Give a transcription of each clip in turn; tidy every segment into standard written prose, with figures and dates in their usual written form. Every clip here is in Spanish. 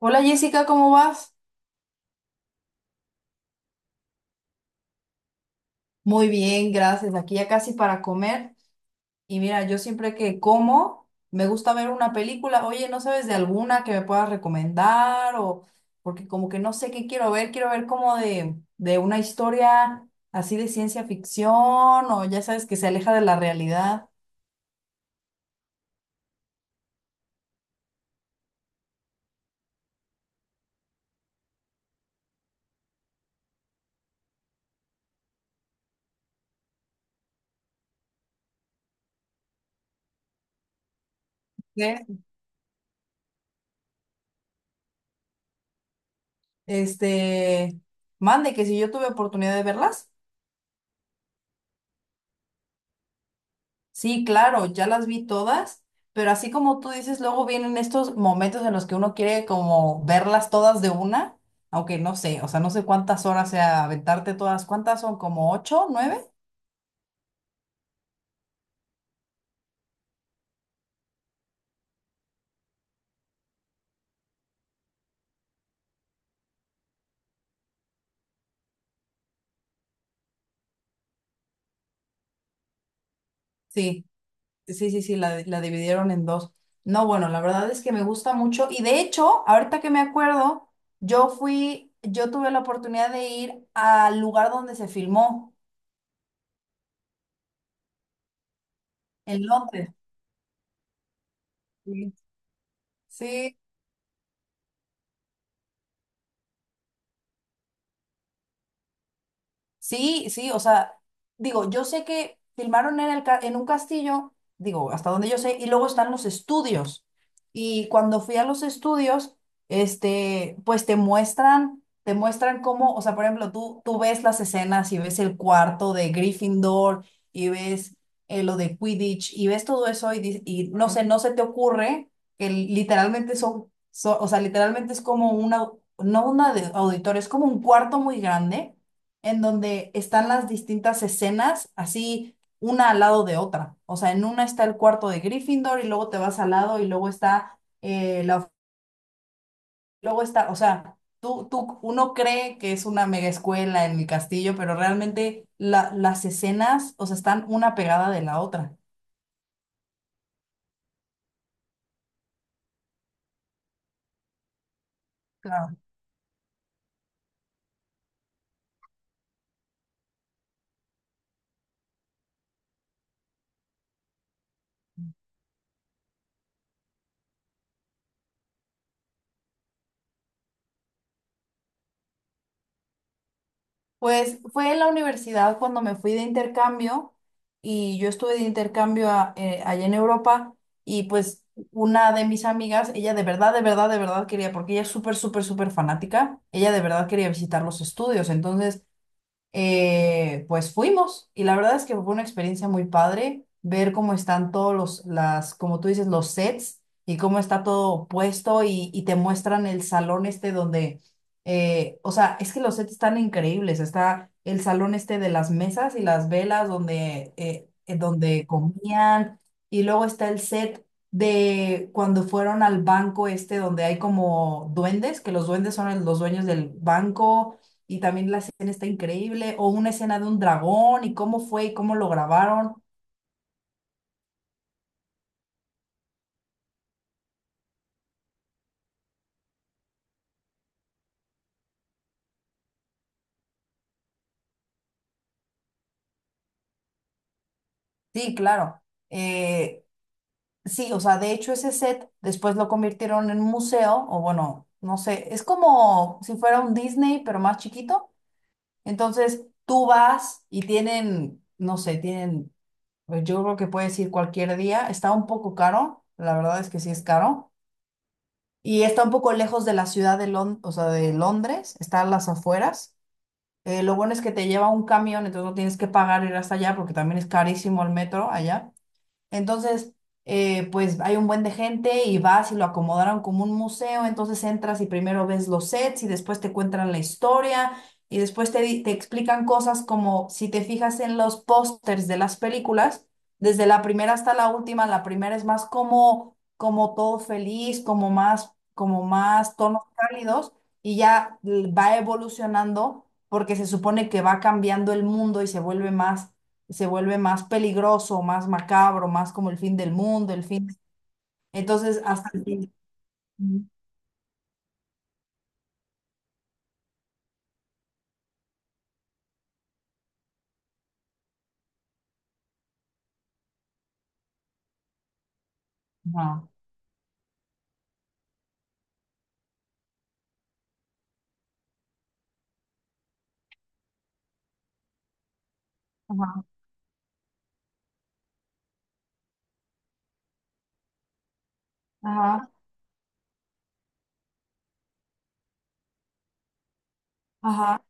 Hola Jessica, ¿cómo vas? Muy bien, gracias. Aquí ya casi para comer. Y mira, yo siempre que como, me gusta ver una película. Oye, ¿no sabes de alguna que me puedas recomendar? O porque como que no sé qué quiero ver como de una historia así de ciencia ficción o ya sabes que se aleja de la realidad. ¿Qué? Este, Mande que si yo tuve oportunidad de verlas. Sí, claro, ya las vi todas, pero así como tú dices, luego vienen estos momentos en los que uno quiere como verlas todas de una, aunque no sé, o sea, no sé cuántas horas sea aventarte todas, ¿cuántas son? ¿Como ocho, nueve? Sí, sí, sí, sí, la dividieron en dos. No, bueno, la verdad es que me gusta mucho y de hecho, ahorita que me acuerdo, yo tuve la oportunidad de ir al lugar donde se filmó, en Londres. Sí, sí, sí, sí, o sea, digo, yo sé que filmaron en un castillo, digo, hasta donde yo sé, y luego están los estudios. Y cuando fui a los estudios, pues te muestran cómo, o sea, por ejemplo, tú ves las escenas y ves el cuarto de Gryffindor y ves lo de Quidditch y ves todo eso y no sé, no se te ocurre que literalmente son o sea, literalmente es como una, no una de auditorio, es como un cuarto muy grande en donde están las distintas escenas así una al lado de otra. O sea, en una está el cuarto de Gryffindor y luego te vas al lado y luego está, o sea, uno cree que es una mega escuela en el castillo, pero realmente las escenas, o sea, están una pegada de la otra. Pues fue en la universidad cuando me fui de intercambio y yo estuve de intercambio allá en Europa y pues una de mis amigas, ella de verdad, de verdad, de verdad quería, porque ella es súper, súper, súper fanática, ella de verdad quería visitar los estudios. Entonces pues fuimos y la verdad es que fue una experiencia muy padre ver cómo están todos los, las, como tú dices, los sets y cómo está todo puesto y te muestran el salón este donde, o sea, es que los sets están increíbles, está el salón este de las mesas y las velas donde comían y luego está el set de cuando fueron al banco este donde hay como duendes, que los duendes son los dueños del banco y también la escena está increíble, o una escena de un dragón y cómo fue y cómo lo grabaron. Sí, claro. Eh, sí, o sea, de hecho ese set después lo convirtieron en un museo, o bueno, no sé, es como si fuera un Disney, pero más chiquito. Entonces tú vas y tienen, no sé, tienen, pues, yo creo que puedes ir cualquier día, está un poco caro, la verdad es que sí es caro. Y está un poco lejos de la ciudad o sea, de Londres, está a las afueras. Lo bueno es que te lleva un camión, entonces no tienes que pagar ir hasta allá porque también es carísimo el metro allá. Entonces, pues hay un buen de gente y vas y lo acomodaron como un museo, entonces entras y primero ves los sets y después te cuentan la historia y después te explican cosas como si te fijas en los pósters de las películas, desde la primera hasta la última, la primera es más como, como todo feliz, como más tonos cálidos y ya va evolucionando porque se supone que va cambiando el mundo y se vuelve más peligroso, más macabro, más como el fin del mundo, el fin. Entonces, hasta el fin. Ajá, ajá, ajá, ajá.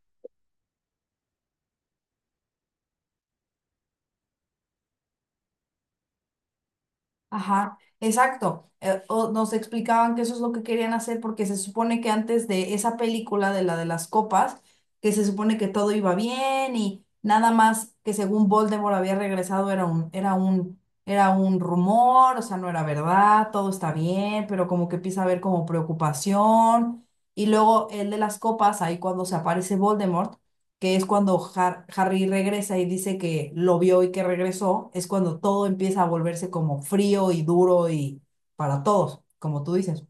Ajá, exacto. O nos explicaban que eso es lo que querían hacer porque se supone que antes de esa película de la de las copas, que se supone que todo iba bien y nada más que según Voldemort había regresado era un rumor, o sea, no era verdad, todo está bien, pero como que empieza a haber como preocupación. Y luego el de las copas, ahí cuando se aparece Voldemort que es cuando Harry regresa y dice que lo vio y que regresó, es cuando todo empieza a volverse como frío y duro y para todos, como tú dices.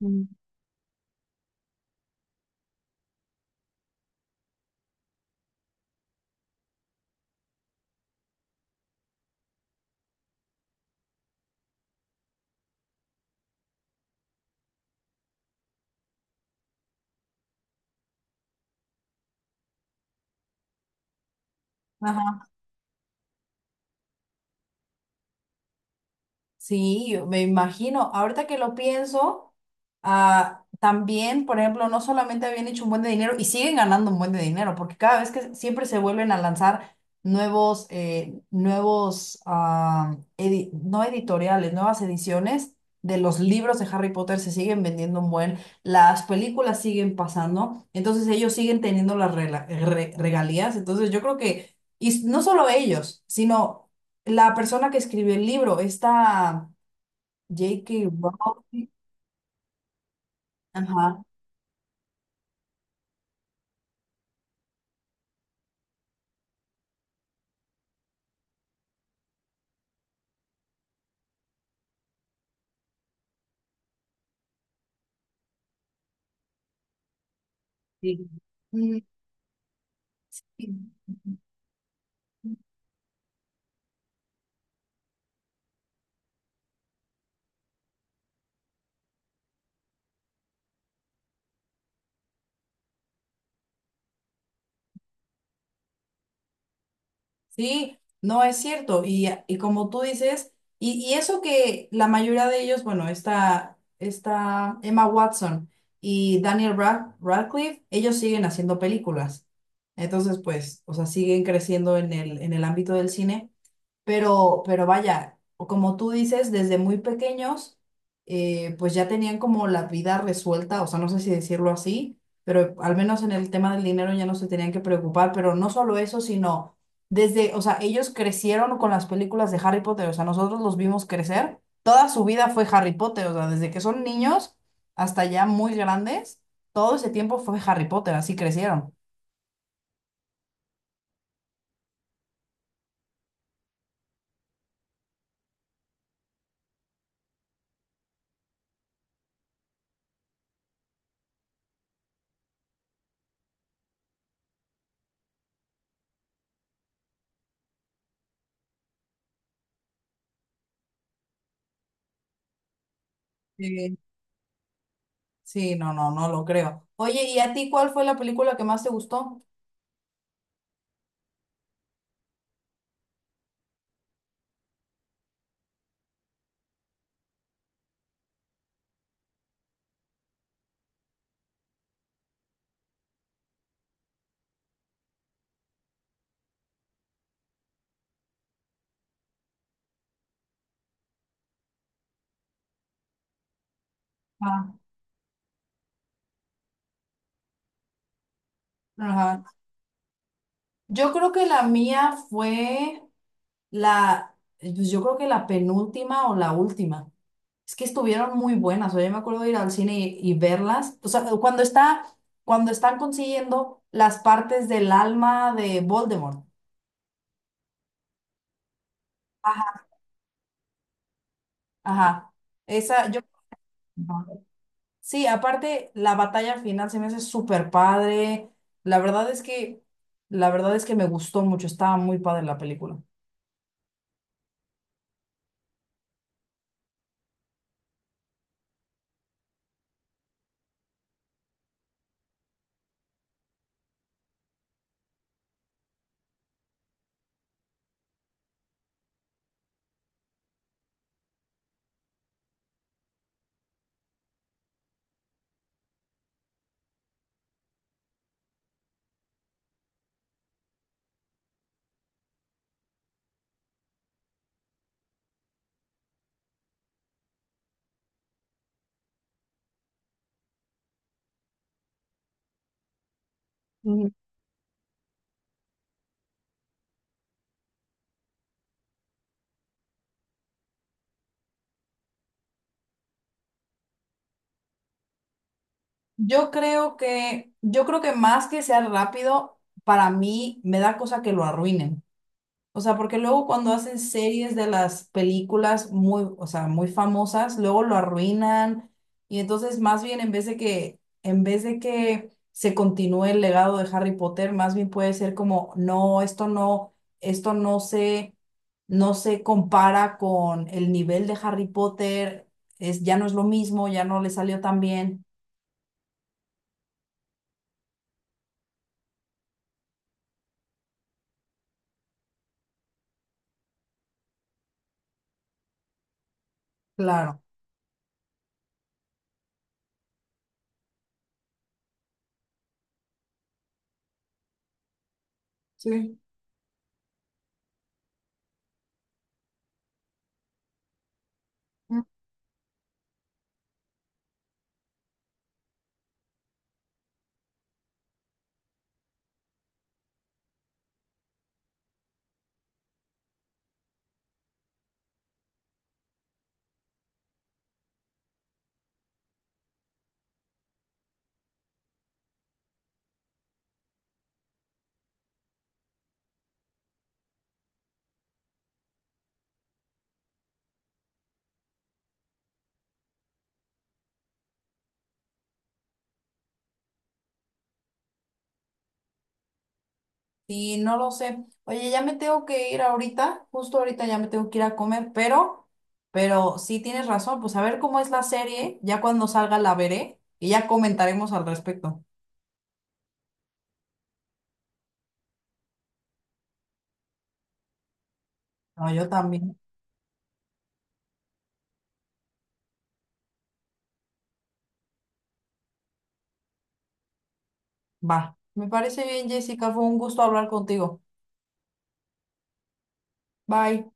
Ujú. Sí, yo me imagino. Ahorita que lo pienso, ah, también, por ejemplo, no solamente habían hecho un buen de dinero y siguen ganando un buen de dinero, porque cada vez que siempre se vuelven a lanzar nuevos, no editoriales, nuevas ediciones de los libros de Harry Potter se siguen vendiendo un buen, las películas siguen pasando, entonces ellos siguen teniendo las regalías. Entonces yo creo que, y no solo ellos, sino la persona que escribió el libro, esta J.K. Rowling, ajá, sí. Mm, Sí, no es cierto. Y como tú dices, y eso que la mayoría de ellos, bueno, está Emma Watson y Daniel Radcliffe, ellos siguen haciendo películas. Entonces, pues, o sea, siguen creciendo en el ámbito del cine. Pero vaya, como tú dices, desde muy pequeños, pues ya tenían como la vida resuelta, o sea, no sé si decirlo así, pero al menos en el tema del dinero ya no se tenían que preocupar, pero no solo eso, sino desde, o sea, ellos crecieron con las películas de Harry Potter, o sea, nosotros los vimos crecer, toda su vida fue Harry Potter, o sea, desde que son niños hasta ya muy grandes, todo ese tiempo fue Harry Potter, así crecieron. Sí, sí, no, no, no lo creo. Oye, ¿y a ti cuál fue la película que más te gustó? Ah, ajá. Yo creo que la mía fue la, pues yo creo que la penúltima o la última. Es que estuvieron muy buenas. O sea, yo me acuerdo de ir al cine y verlas. O sea, cuando está, cuando están consiguiendo las partes del alma de Voldemort. Ajá. Ajá. Esa, yo. Ajá. Sí, aparte, la batalla final se me hace súper padre. La verdad es que, la verdad es que me gustó mucho. Estaba muy padre la película. Yo creo que más que sea rápido, para mí me da cosa que lo arruinen. O sea, porque luego cuando hacen series de las películas muy, o sea, muy famosas, luego lo arruinan. Y entonces, más bien, en vez de que se continúe el legado de Harry Potter, más bien puede ser como, no, esto no, esto no se, no se compara con el nivel de Harry Potter, es, ya no es lo mismo, ya no le salió tan bien. Claro. Sí. Mm. Sí, no lo sé. Oye, ya me tengo que ir ahorita, justo ahorita ya me tengo que ir a comer, pero, sí tienes razón, pues a ver cómo es la serie, ya cuando salga la veré y ya comentaremos al respecto. No, yo también. Va. Me parece bien, Jessica, fue un gusto hablar contigo. Bye.